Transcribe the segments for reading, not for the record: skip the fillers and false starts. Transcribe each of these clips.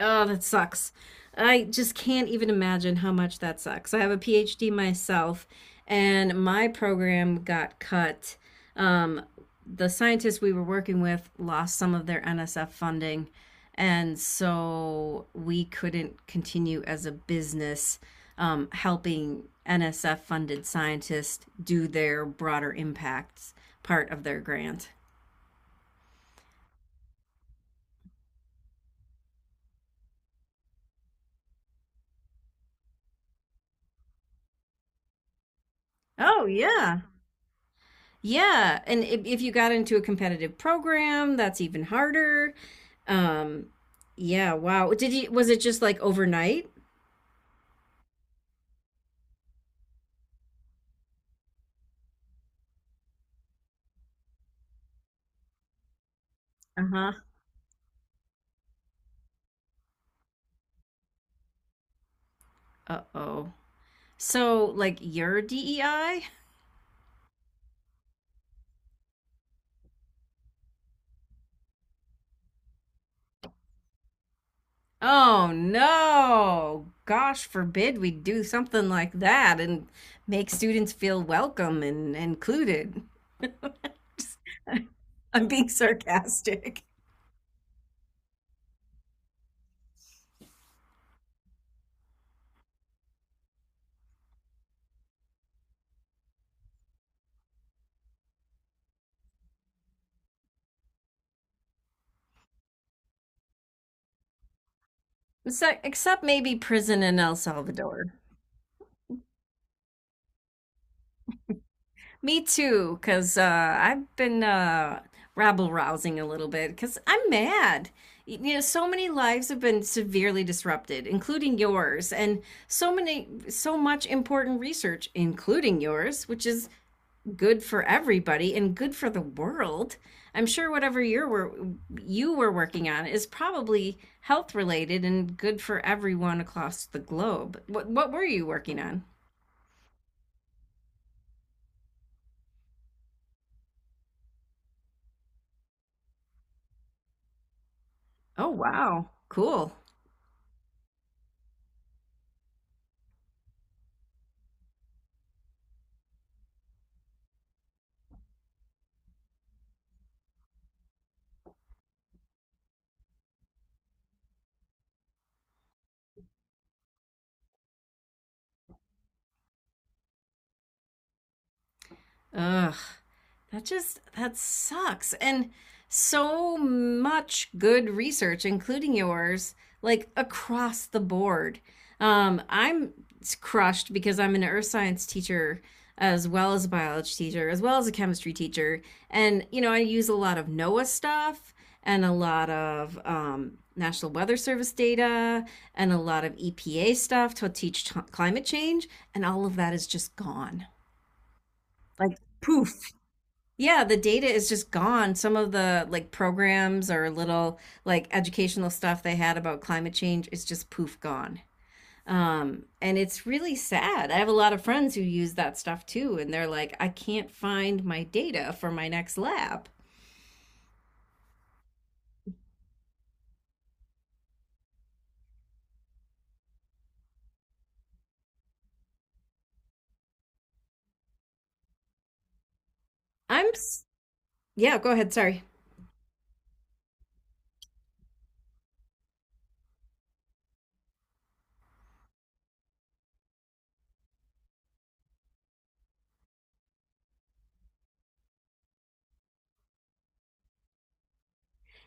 Oh, that sucks. I just can't even imagine how much that sucks. I have a PhD myself, and my program got cut. Um, the scientists we were working with lost some of their NSF funding, and so we couldn't continue as a business helping NSF funded scientists do their broader impacts part of their grant. Oh, yeah. Yeah, and if you got into a competitive program, that's even harder. Um, yeah, wow. Did you, was it just like overnight? Uh-huh. Uh-oh. So like your DEI? Oh no. Gosh forbid we do something like that and make students feel welcome and included. I'm being sarcastic. So, except maybe prison in El Salvador. Me too, because I've been rabble rousing a little bit because I'm mad. You know, so many lives have been severely disrupted, including yours, and so many, so much important research, including yours, which is good for everybody and good for the world. I'm sure whatever you were working on is probably health related and good for everyone across the globe. What were you working on? Oh, wow. Cool. Ugh. That just that sucks. And so much good research, including yours, like across the board. I'm crushed because I'm an earth science teacher as well as a biology teacher, as well as a chemistry teacher. And, you know, I use a lot of NOAA stuff and a lot of National Weather Service data and a lot of EPA stuff to teach climate change. And all of that is just gone. Like, poof. Yeah, the data is just gone. Some of the like programs or little like educational stuff they had about climate change is just poof gone. And it's really sad. I have a lot of friends who use that stuff too, and they're like, I can't find my data for my next lab. I'm, s- yeah, go ahead. Sorry.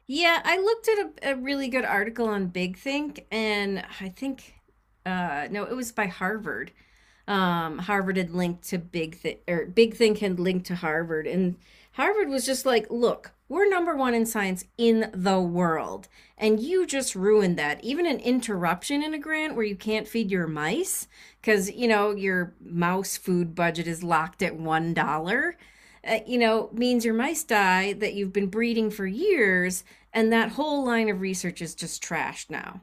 Yeah, I looked at a really good article on Big Think, and I think, no, it was by Harvard Harvard had linked to Big Thing, or Big Thing had linked to Harvard. And Harvard was just like, look, we're number one in science in the world. And you just ruined that. Even an interruption in a grant where you can't feed your mice because, you know, your mouse food budget is locked at $1. You know, means your mice die that you've been breeding for years, and that whole line of research is just trashed now.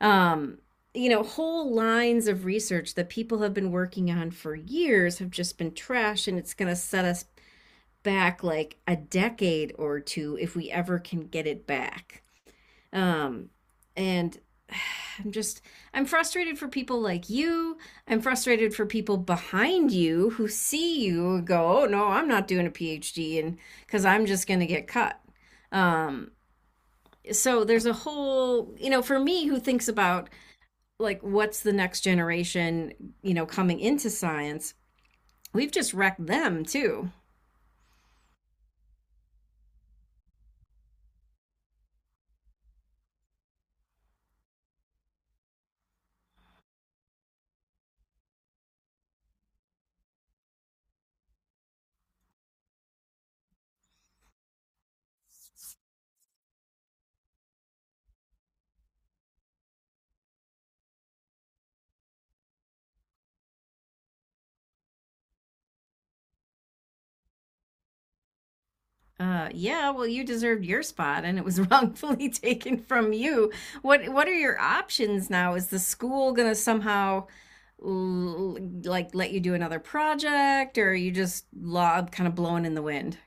Um, you know, whole lines of research that people have been working on for years have just been trash, and it's going to set us back like a decade or two if we ever can get it back. Um, and I'm just, I'm frustrated for people like you. I'm frustrated for people behind you who see you and go, oh, no, I'm not doing a PhD and because I'm just going to get cut. Um, so there's a whole, you know, for me who thinks about like what's the next generation, you know, coming into science, we've just wrecked them too. Yeah, well, you deserved your spot, and it was wrongfully taken from you. What are your options now? Is the school gonna somehow l- like let you do another project, or are you just lob kind of blowing in the wind?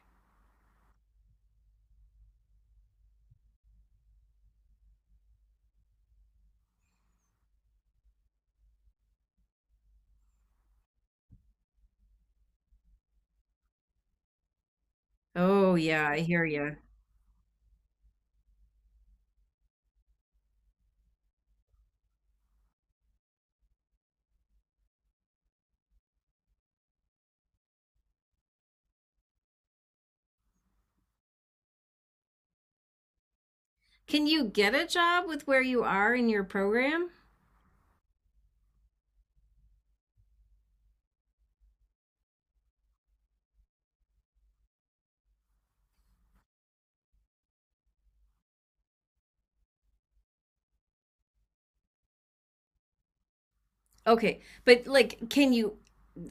Oh yeah, I hear you. Can you get a job with where you are in your program? Okay, but like, can you,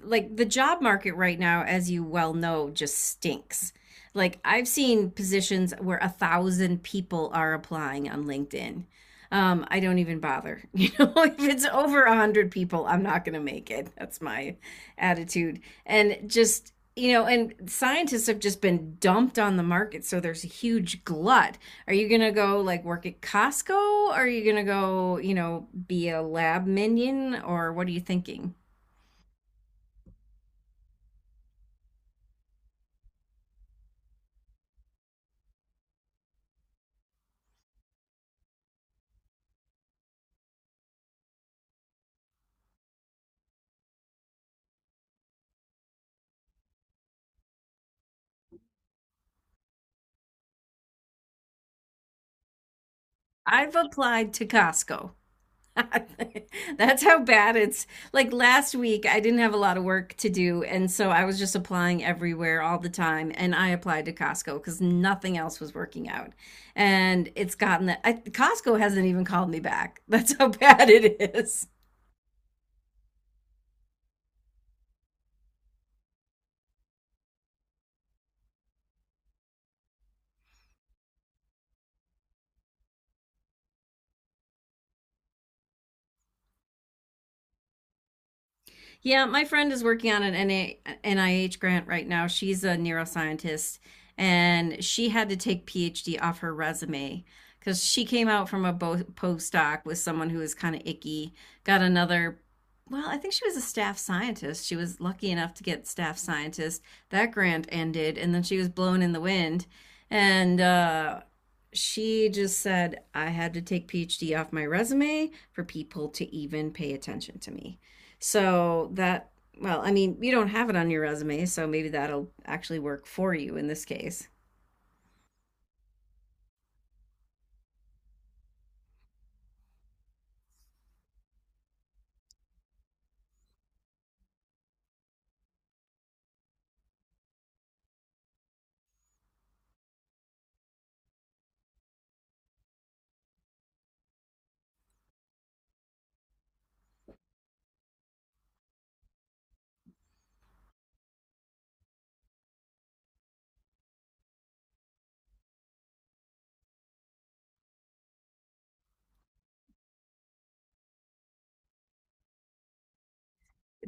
like, the job market right now, as you well know, just stinks. Like, I've seen positions where a thousand people are applying on LinkedIn. I don't even bother. You know, if it's over a hundred people, I'm not going to make it. That's my attitude. And just, you know, and scientists have just been dumped on the market, so there's a huge glut. Are you gonna go like work at Costco? Are you gonna go, you know, be a lab minion? Or what are you thinking? I've applied to Costco. That's how bad it's like last week I didn't have a lot of work to do and so I was just applying everywhere all the time and I applied to Costco because nothing else was working out. And it's gotten that I, Costco hasn't even called me back. That's how bad it is. Yeah, my friend is working on an NIH grant right now. She's a neuroscientist and she had to take PhD off her resume because she came out from a postdoc with someone who was kind of icky, got another. Well, I think she was a staff scientist. She was lucky enough to get staff scientist. That grant ended, and then she was blown in the wind. And she just said, I had to take PhD off my resume for people to even pay attention to me. So that, well, I mean, you don't have it on your resume, so maybe that'll actually work for you in this case.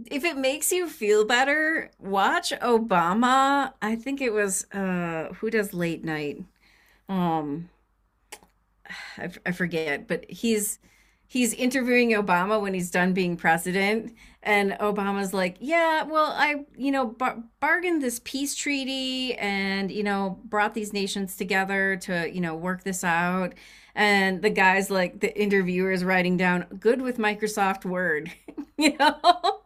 If it makes you feel better, watch Obama. I think it was who does late night? Um I forget, but he's interviewing Obama when he's done being president, and Obama's like, "Yeah, well, I you know bargained this peace treaty, and you know brought these nations together to you know work this out." And the guy's like, the interviewer is writing down, "Good with Microsoft Word," you know.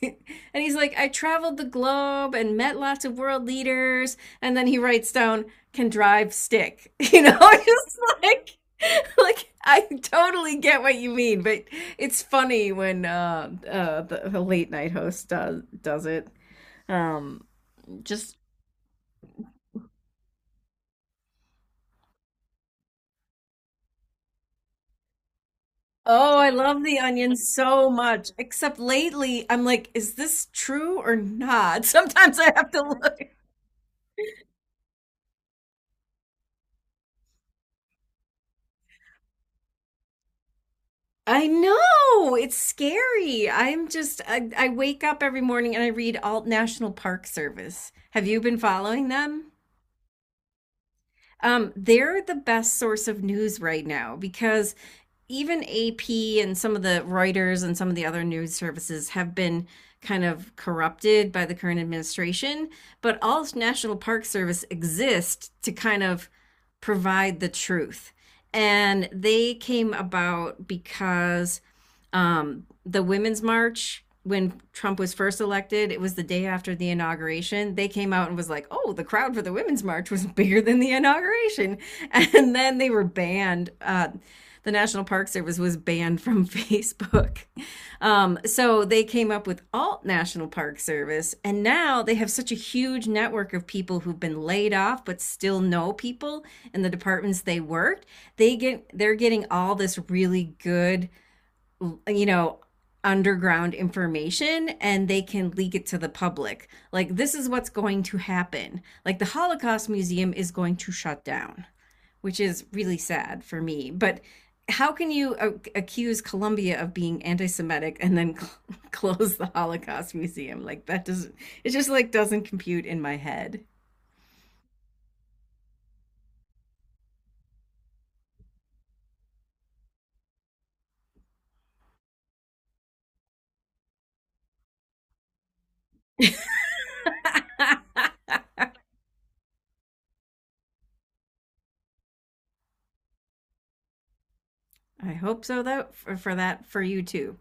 And he's like, I traveled the globe and met lots of world leaders. And then he writes down, can drive stick. You know, just like, like I totally get what you mean, but it's funny when the late night host does it. Um, just Oh, I love the onion so much. Except lately, I'm like, is this true or not? Sometimes I have to look. I know it's scary. I wake up every morning and I read Alt National Park Service. Have you been following them? They're the best source of news right now because even AP and some of the Reuters and some of the other news services have been kind of corrupted by the current administration, but all National Park Service exists to kind of provide the truth. And they came about because the Women's March, when Trump was first elected, it was the day after the inauguration. They came out and was like, "Oh, the crowd for the Women's March was bigger than the inauguration," and then they were banned. The National Park Service was banned from Facebook. So they came up with Alt National Park Service, and now they have such a huge network of people who've been laid off but still know people in the departments they worked. They're getting all this really good you know, underground information and they can leak it to the public. Like, this is what's going to happen. Like, the Holocaust Museum is going to shut down, which is really sad for me. But how can you accuse Colombia of being anti-Semitic and then close the Holocaust Museum? Like that doesn't It just like doesn't compute in my head. I hope so though for that for you too.